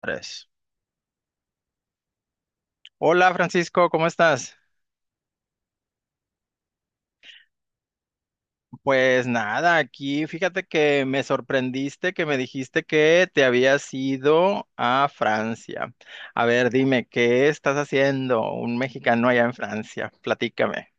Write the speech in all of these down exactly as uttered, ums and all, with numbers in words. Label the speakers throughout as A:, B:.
A: Tres. Hola Francisco, ¿cómo estás? Pues nada, aquí fíjate que me sorprendiste, que me dijiste que te habías ido a Francia. A ver, dime, ¿qué estás haciendo un mexicano allá en Francia? Platícame.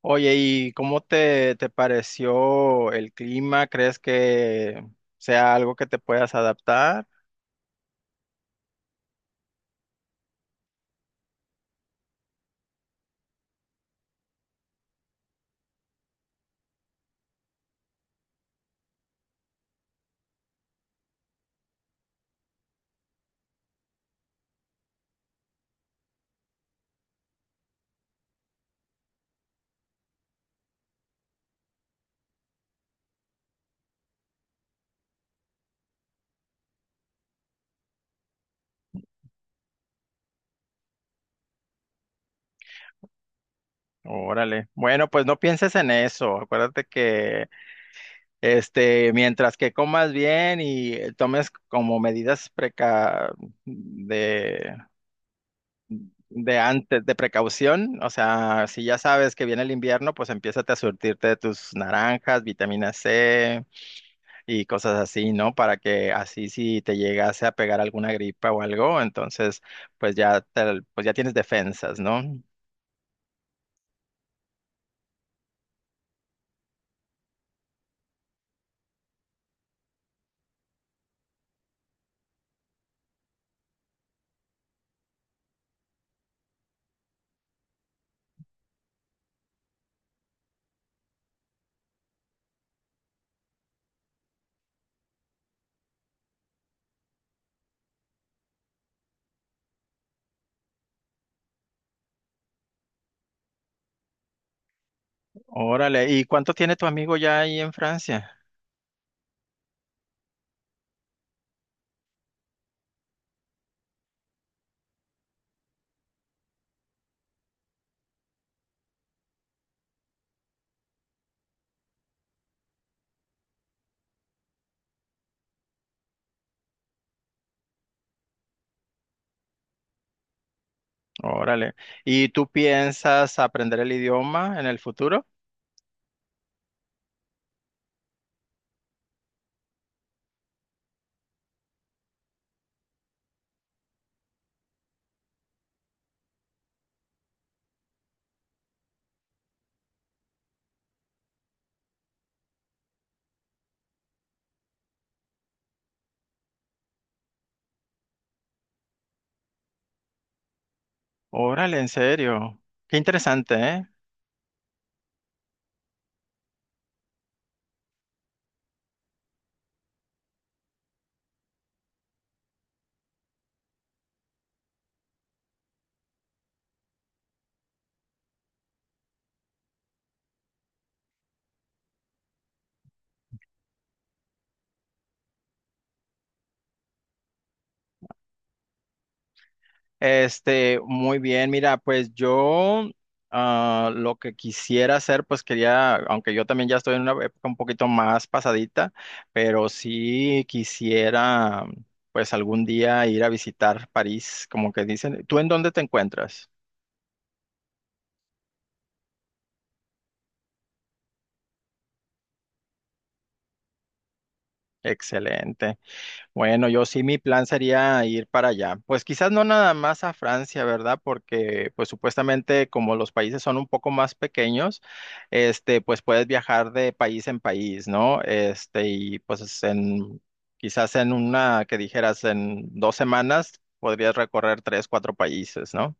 A: Oye, ¿y cómo te, te pareció el clima? ¿Crees que sea algo que te puedas adaptar? Órale. Bueno, pues no pienses en eso. Acuérdate que Este, mientras que comas bien y eh, tomes como medidas preca de, de antes, de precaución. O sea, si ya sabes que viene el invierno, pues empiézate a surtirte de tus naranjas, vitamina C y cosas así, ¿no? Para que así, si te llegase a pegar alguna gripa o algo, entonces pues ya te- pues ya tienes defensas, ¿no? Órale, ¿y cuánto tiene tu amigo ya ahí en Francia? Órale. ¿Y tú piensas aprender el idioma en el futuro? Órale, en serio. Qué interesante, ¿eh? Este, muy bien, mira, pues yo, ah, lo que quisiera hacer, pues quería, aunque yo también ya estoy en una época un poquito más pasadita, pero sí quisiera, pues algún día ir a visitar París, como que dicen. ¿Tú en dónde te encuentras? Excelente. Bueno, yo sí, mi plan sería ir para allá. Pues quizás no nada más a Francia, ¿verdad? Porque pues supuestamente como los países son un poco más pequeños, este, pues puedes viajar de país en país, ¿no? Este, y pues en, quizás en una, que dijeras, en dos semanas podrías recorrer tres, cuatro países, ¿no?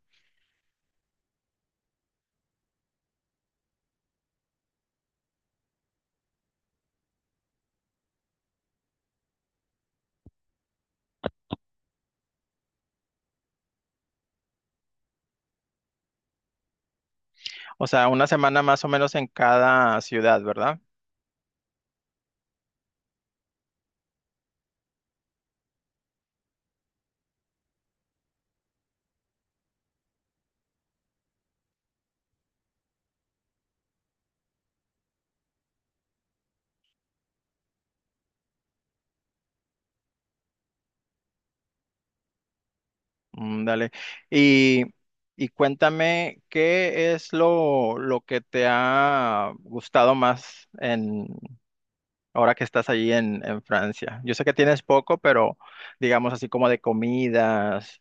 A: O sea, una semana más o menos en cada ciudad, ¿verdad? Mm. Dale. Y, y cuéntame, ¿qué es lo, lo que te ha gustado más en ahora que estás allí en, en Francia? Yo sé que tienes poco, pero digamos así como de comidas.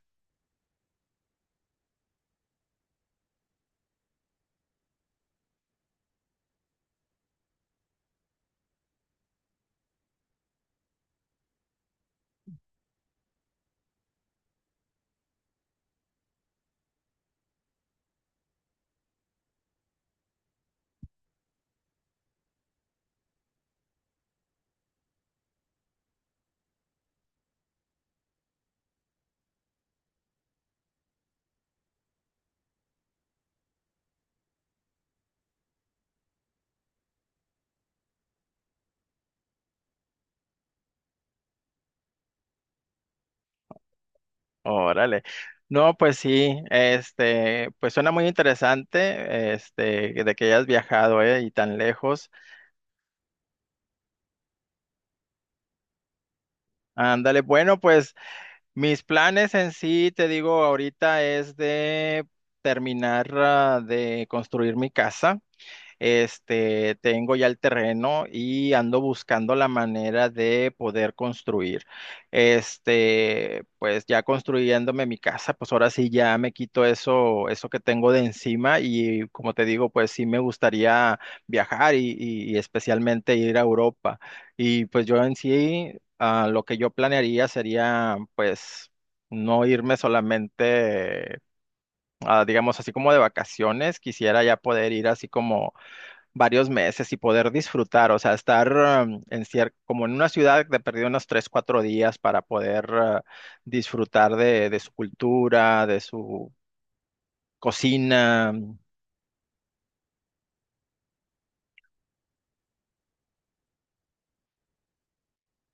A: Órale. No, pues sí, este, pues suena muy interesante, este, de que hayas viajado, eh, y tan lejos. Ándale, bueno, pues, mis planes en sí, te digo, ahorita es de terminar, ah, de construir mi casa. Este, tengo ya el terreno y ando buscando la manera de poder construir. Este, pues ya construyéndome mi casa, pues ahora sí ya me quito eso, eso que tengo de encima y, como te digo, pues sí me gustaría viajar y, y- y especialmente ir a Europa. Y pues yo, en sí, ah, lo que yo planearía sería, pues, no irme solamente, ah, digamos, así como de vacaciones, quisiera ya poder ir así como varios meses y poder disfrutar, o sea, estar um, en cier- como en una ciudad, de perdido, unos tres, cuatro días, para poder, uh, disfrutar de, de su cultura, de su cocina um,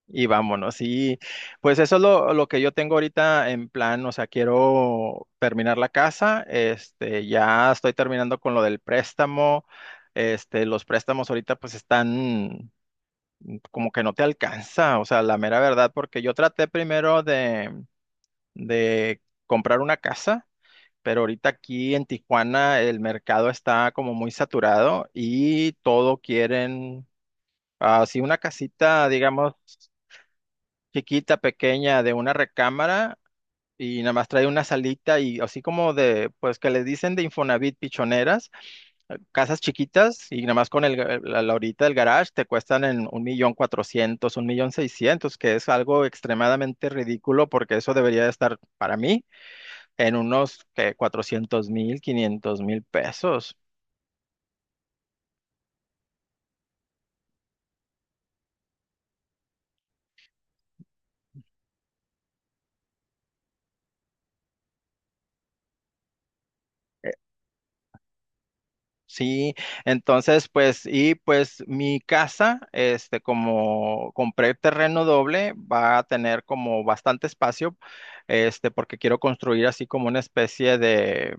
A: y vámonos. Y pues eso es lo, lo que yo tengo ahorita en plan, o sea, quiero terminar la casa, este, ya estoy terminando con lo del préstamo. Este, los préstamos ahorita pues están como que no te alcanza, o sea, la mera verdad, porque yo traté primero de, de comprar una casa, pero ahorita aquí en Tijuana el mercado está como muy saturado y todo quieren, así una casita, digamos, chiquita, pequeña, de una recámara y nada más trae una salita y así como de, pues, que les dicen de Infonavit pichoneras, eh, casas chiquitas y nada más con el, ga- la, la horita del garage, te cuestan en un millón cuatrocientos, un millón seiscientos, que es algo extremadamente ridículo porque eso debería de estar para mí en unos cuatrocientos mil, quinientos mil pesos. Eh, Sí, entonces pues y pues mi casa, este como compré terreno doble, va a tener como bastante espacio, este porque quiero construir así como una especie de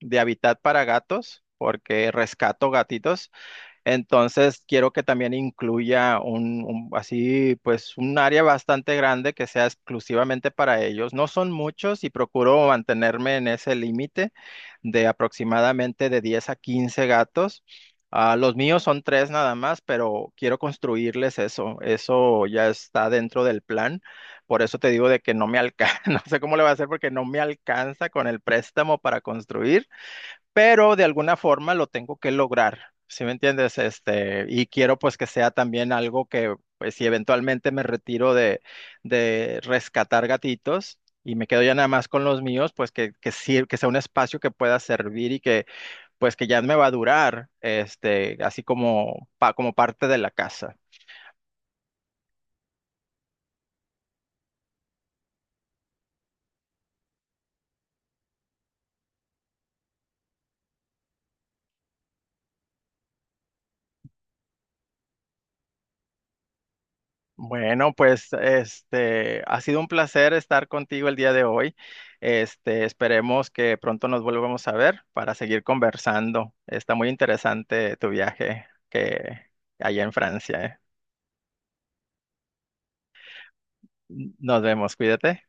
A: de hábitat para gatos, porque rescato gatitos. Entonces, quiero que también incluya un, un- así, pues, un área bastante grande, que sea exclusivamente para ellos. No son muchos y procuro mantenerme en ese límite de aproximadamente de diez a quince gatos. Ah, los míos son tres nada más, pero quiero construirles eso. Eso ya está dentro del plan. Por eso te digo de que no me alcanza, no sé cómo le va a hacer porque no me alcanza con el préstamo para construir, pero de alguna forma lo tengo que lograr, ¿sí me entiendes? Este, y quiero, pues, que sea también algo que, pues, si eventualmente me retiro de, de rescatar gatitos y me quedo ya nada más con los míos, pues que, que, sir- que sea un espacio que pueda servir y que, pues, que ya me va a durar, este, así como, pa- como parte de la casa. Bueno, pues este ha sido un placer estar contigo el día de hoy. Este, esperemos que pronto nos volvamos a ver para seguir conversando. Está muy interesante tu viaje que allá en Francia, eh. Nos vemos, cuídate.